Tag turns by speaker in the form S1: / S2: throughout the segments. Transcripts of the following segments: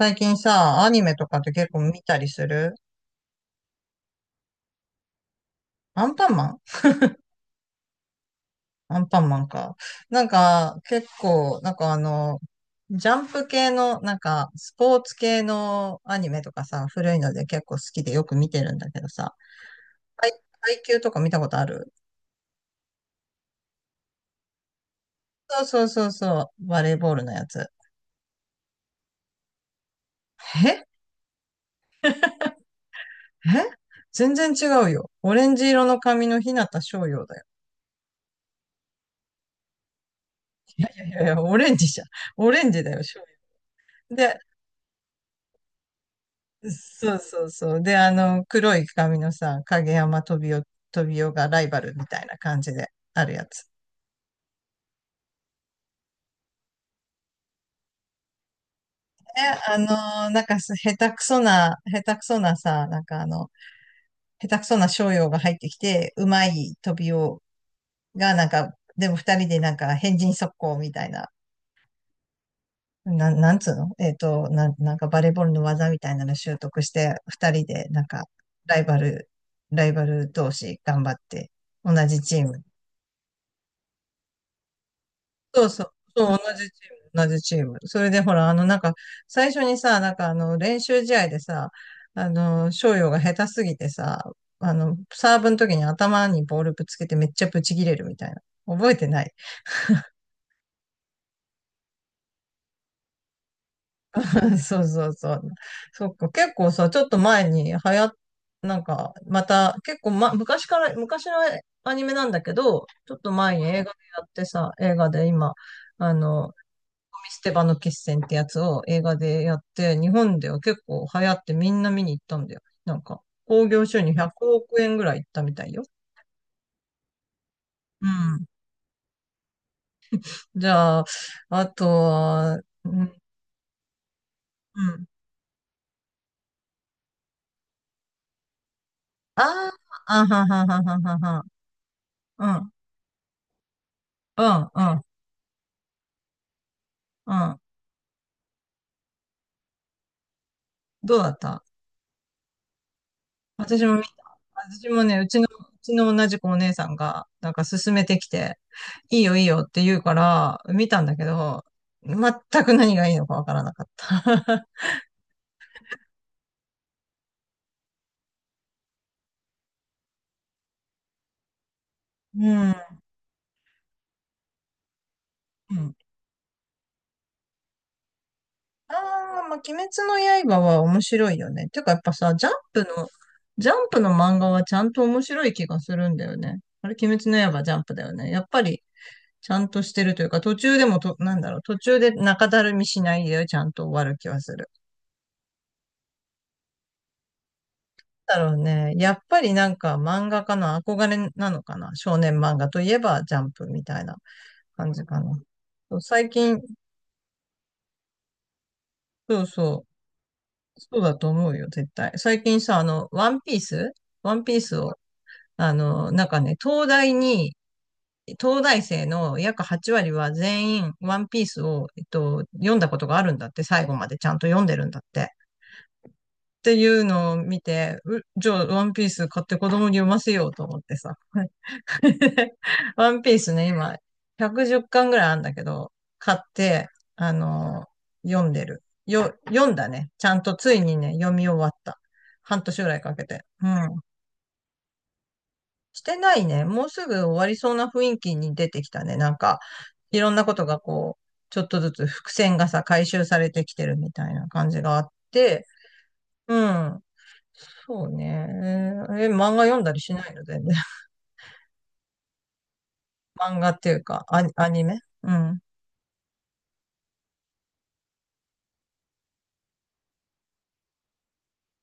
S1: 最近さ、アニメとかって結構見たりする？アンパンマン。アンパンマンか。なんか、結構、なんかジャンプ系の、なんか、スポーツ系のアニメとかさ、古いので結構好きでよく見てるんだけどさ、配、配給とか見たことある？そうそうそうそう、バレーボールのやつ。ええ、全然違うよ。オレンジ色の髪の日向翔陽だよ。いやいやいや、オレンジじゃん。オレンジだよ、翔陽。そうそうそう。で、黒い髪のさ、影山飛びおがライバルみたいな感じであるやつ。え、あのーなんかす、下手くそな、下手くそなさ、なんかあの、下手くそな商用が入ってきて、うまい飛びおが、なんか、でも二人でなんか、変人速攻みたいな、なんつうのなんかバレーボールの技みたいなの習得して、二人でなんか、ライバル、ライバル同士頑張って、同じチーム。そうそう。そう、同じチーム、同じチーム。それでほら、あの、なんか、最初にさ、練習試合でさ、あの、翔陽が下手すぎてさ、あの、サーブの時に頭にボールぶつけてめっちゃブチ切れるみたいな。覚えてない？ そうそうそう。そっか、結構さ、ちょっと前に流行っ、なんか、また、結構、ま、昔から、昔のアニメなんだけど、ちょっと前に映画でやってさ、映画で今、あの、ゴミ捨て場の決戦ってやつを映画でやって、日本では結構流行ってみんな見に行ったんだよ。なんか、興行収入100億円ぐらいいったみたいよ。うん。じゃあ、あとは。うん、うん。ああ、あはははははは。うん、うん、うん、うん。どうだった？私も見た。私もね、うちの同じ子お姉さんが、なんか勧めてきて、いいよいいよって言うから、見たんだけど、全く何がいいのかわからなかった。うん。うん。ああ、まあ、鬼滅の刃は面白いよね。てかやっぱさ、ジャンプの漫画はちゃんと面白い気がするんだよね。あれ、鬼滅の刃ジャンプだよね。やっぱり、ちゃんとしてるというか、途中でもと、なんだろう、途中で中だるみしないで、ちゃんと終わる気はする。だろうね。やっぱりなんか漫画家の憧れなのかな。少年漫画といえばジャンプみたいな感じかな。そう、最近、そうそう、そうだと思うよ、絶対。最近さ、あの、ワンピースを、あの、なんかね、東大生の約8割は全員ワンピースを、読んだことがあるんだって、最後までちゃんと読んでるんだって。っていうのを見て、じゃあワンピース買って子供に読ませようと思ってさ。ワンピースね、今、110巻ぐらいあるんだけど、買って、あのー読んでる。読んだね。ちゃんとついにね、読み終わった。半年ぐらいかけて。うん。してないね。もうすぐ終わりそうな雰囲気に出てきたね。なんか、いろんなことがこう、ちょっとずつ伏線がさ、回収されてきてるみたいな感じがあって、うん。そうね。え、漫画読んだりしないの全然？漫画っていうか、アニメ。うん。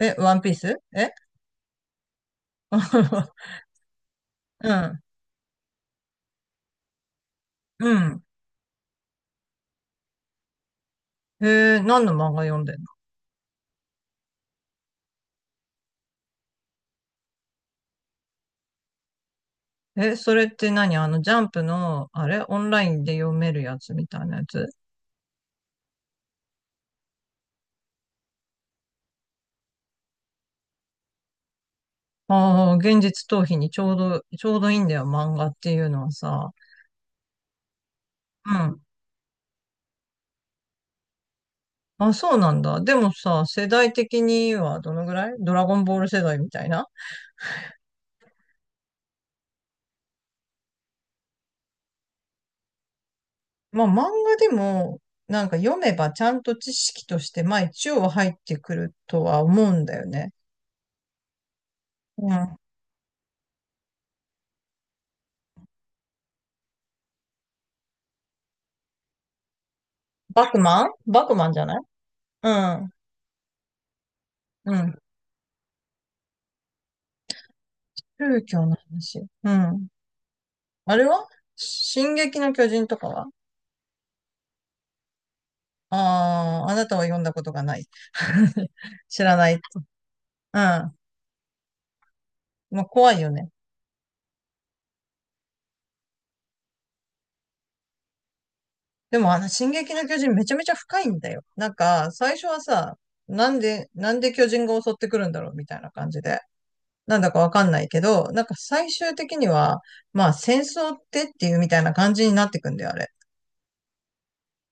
S1: え、ワンピース、え。 うん。うん。何の漫画読んでんの？え、それって何？あの、ジャンプの、あれ、オンラインで読めるやつみたいなやつ？ああー、現実逃避にちょうどいいんだよ、漫画っていうのはさ。うん。あ、そうなんだ。でもさ、世代的にはどのぐらいドラゴンボール世代みたいな？まあ漫画でも、なんか読めばちゃんと知識として、まあ一応は入ってくるとは思うんだよね。うん。バクマンじゃない？うん。うん。宗教の話。うん。あれは？進撃の巨人とかは？ああー、あなたは読んだことがない。知らない。うん。まあ怖いよね。でもあの、進撃の巨人めちゃめちゃ深いんだよ。なんか、最初はさ、なんで巨人が襲ってくるんだろうみたいな感じで。なんだかわかんないけど、なんか最終的には、まあ戦争っていうみたいな感じになってくんだよ、あれ。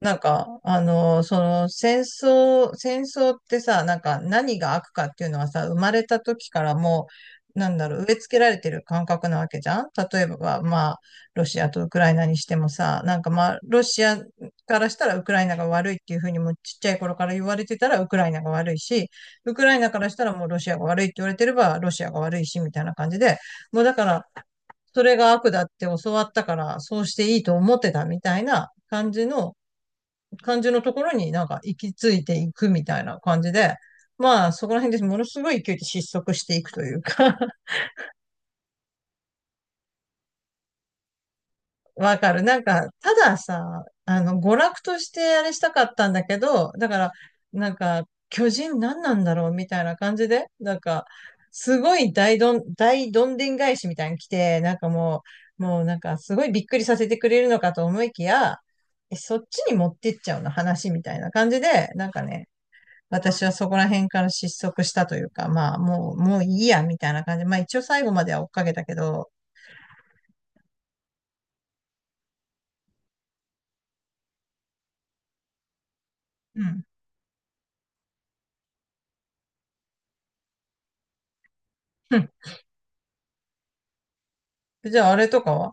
S1: なんか、あの、その戦争ってさ、なんか何が悪かっていうのはさ、生まれた時からもう、なんだろう、植え付けられてる感覚なわけじゃん？例えば、まあ、ロシアとウクライナにしてもさ、なんかまあ、ロシアからしたらウクライナが悪いっていうふうにもちっちゃい頃から言われてたらウクライナが悪いし、ウクライナからしたらもうロシアが悪いって言われてればロシアが悪いし、みたいな感じで、もうだから、それが悪だって教わったから、そうしていいと思ってたみたいな感じの、ところになんか行き着いていくみたいな感じで、まあそこら辺でものすごい勢いで失速していくというか。 わかる。なんか、たださ、あの、娯楽としてあれしたかったんだけど、だから、なんか、巨人何なんだろうみたいな感じで、なんか、すごい大どんでん返しみたいに来て、なんかもうなんかすごいびっくりさせてくれるのかと思いきや、え、そっちに持ってっちゃうの話みたいな感じで、なんかね、私はそこら辺から失速したというか、まあ、もういいや、みたいな感じ。まあ、一応最後までは追っかけたけど、うん。うん。じゃあ、あれとかは？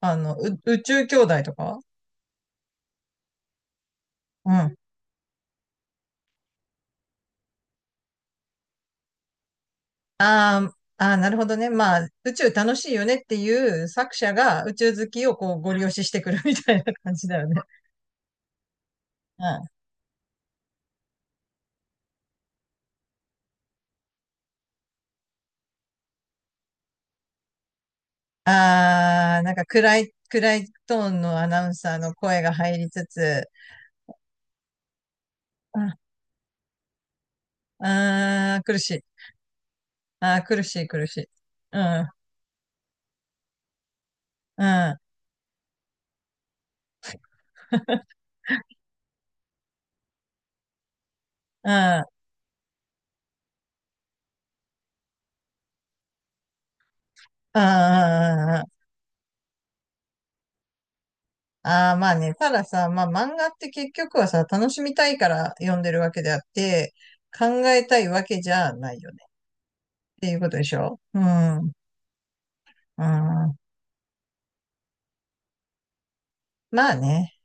S1: あの、宇宙兄弟とかは？うん。あーあー、なるほどね。まあ、宇宙楽しいよねっていう作者が宇宙好きをこうご利用ししてくる みたいな感じだよね。うん。ああ、なんか暗いトーンのアナウンサーの声が入りつつ、ああー、苦しい。ああ、苦しい、苦しい。うん、うん。うん。うんうんうんうん。ああ、まあね。たださ、まあ漫画って結局はさ、楽しみたいから読んでるわけであって、考えたいわけじゃないよね。っていうことでしょうん。うん。まあね。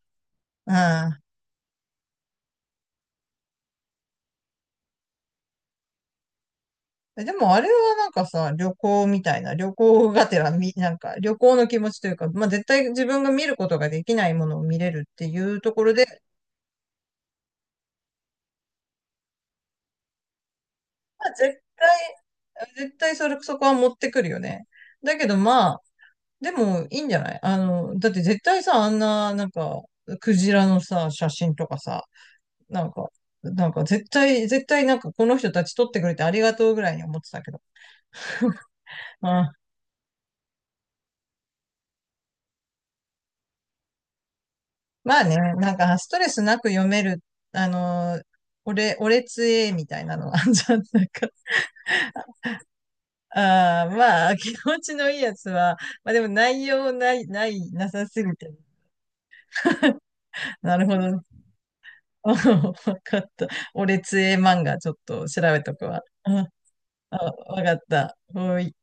S1: うん。え、でもあれはなんかさ、旅行みたいな、旅行がてらみ、なんか旅行の気持ちというか、まあ絶対自分が見ることができないものを見れるっていうところで、まあ絶対、そこは持ってくるよね。だけどまあ、でも、いいんじゃない？あの、だって絶対さ、あんな、なんか、クジラのさ、写真とかさ、なんか、なんか絶対なんかこの人たち撮ってくれてありがとうぐらいに思ってたけど。うん。まあね、なんかストレスなく読める、あの、俺つえみたいなのあんじゃん。なんか ああ、まあ、気持ちのいいやつは、まあでも内容ない、ない、なさすぎて。なるほど。わかった。俺つえ漫画ちょっと調べとくわ。うん。あ、わかった。もうい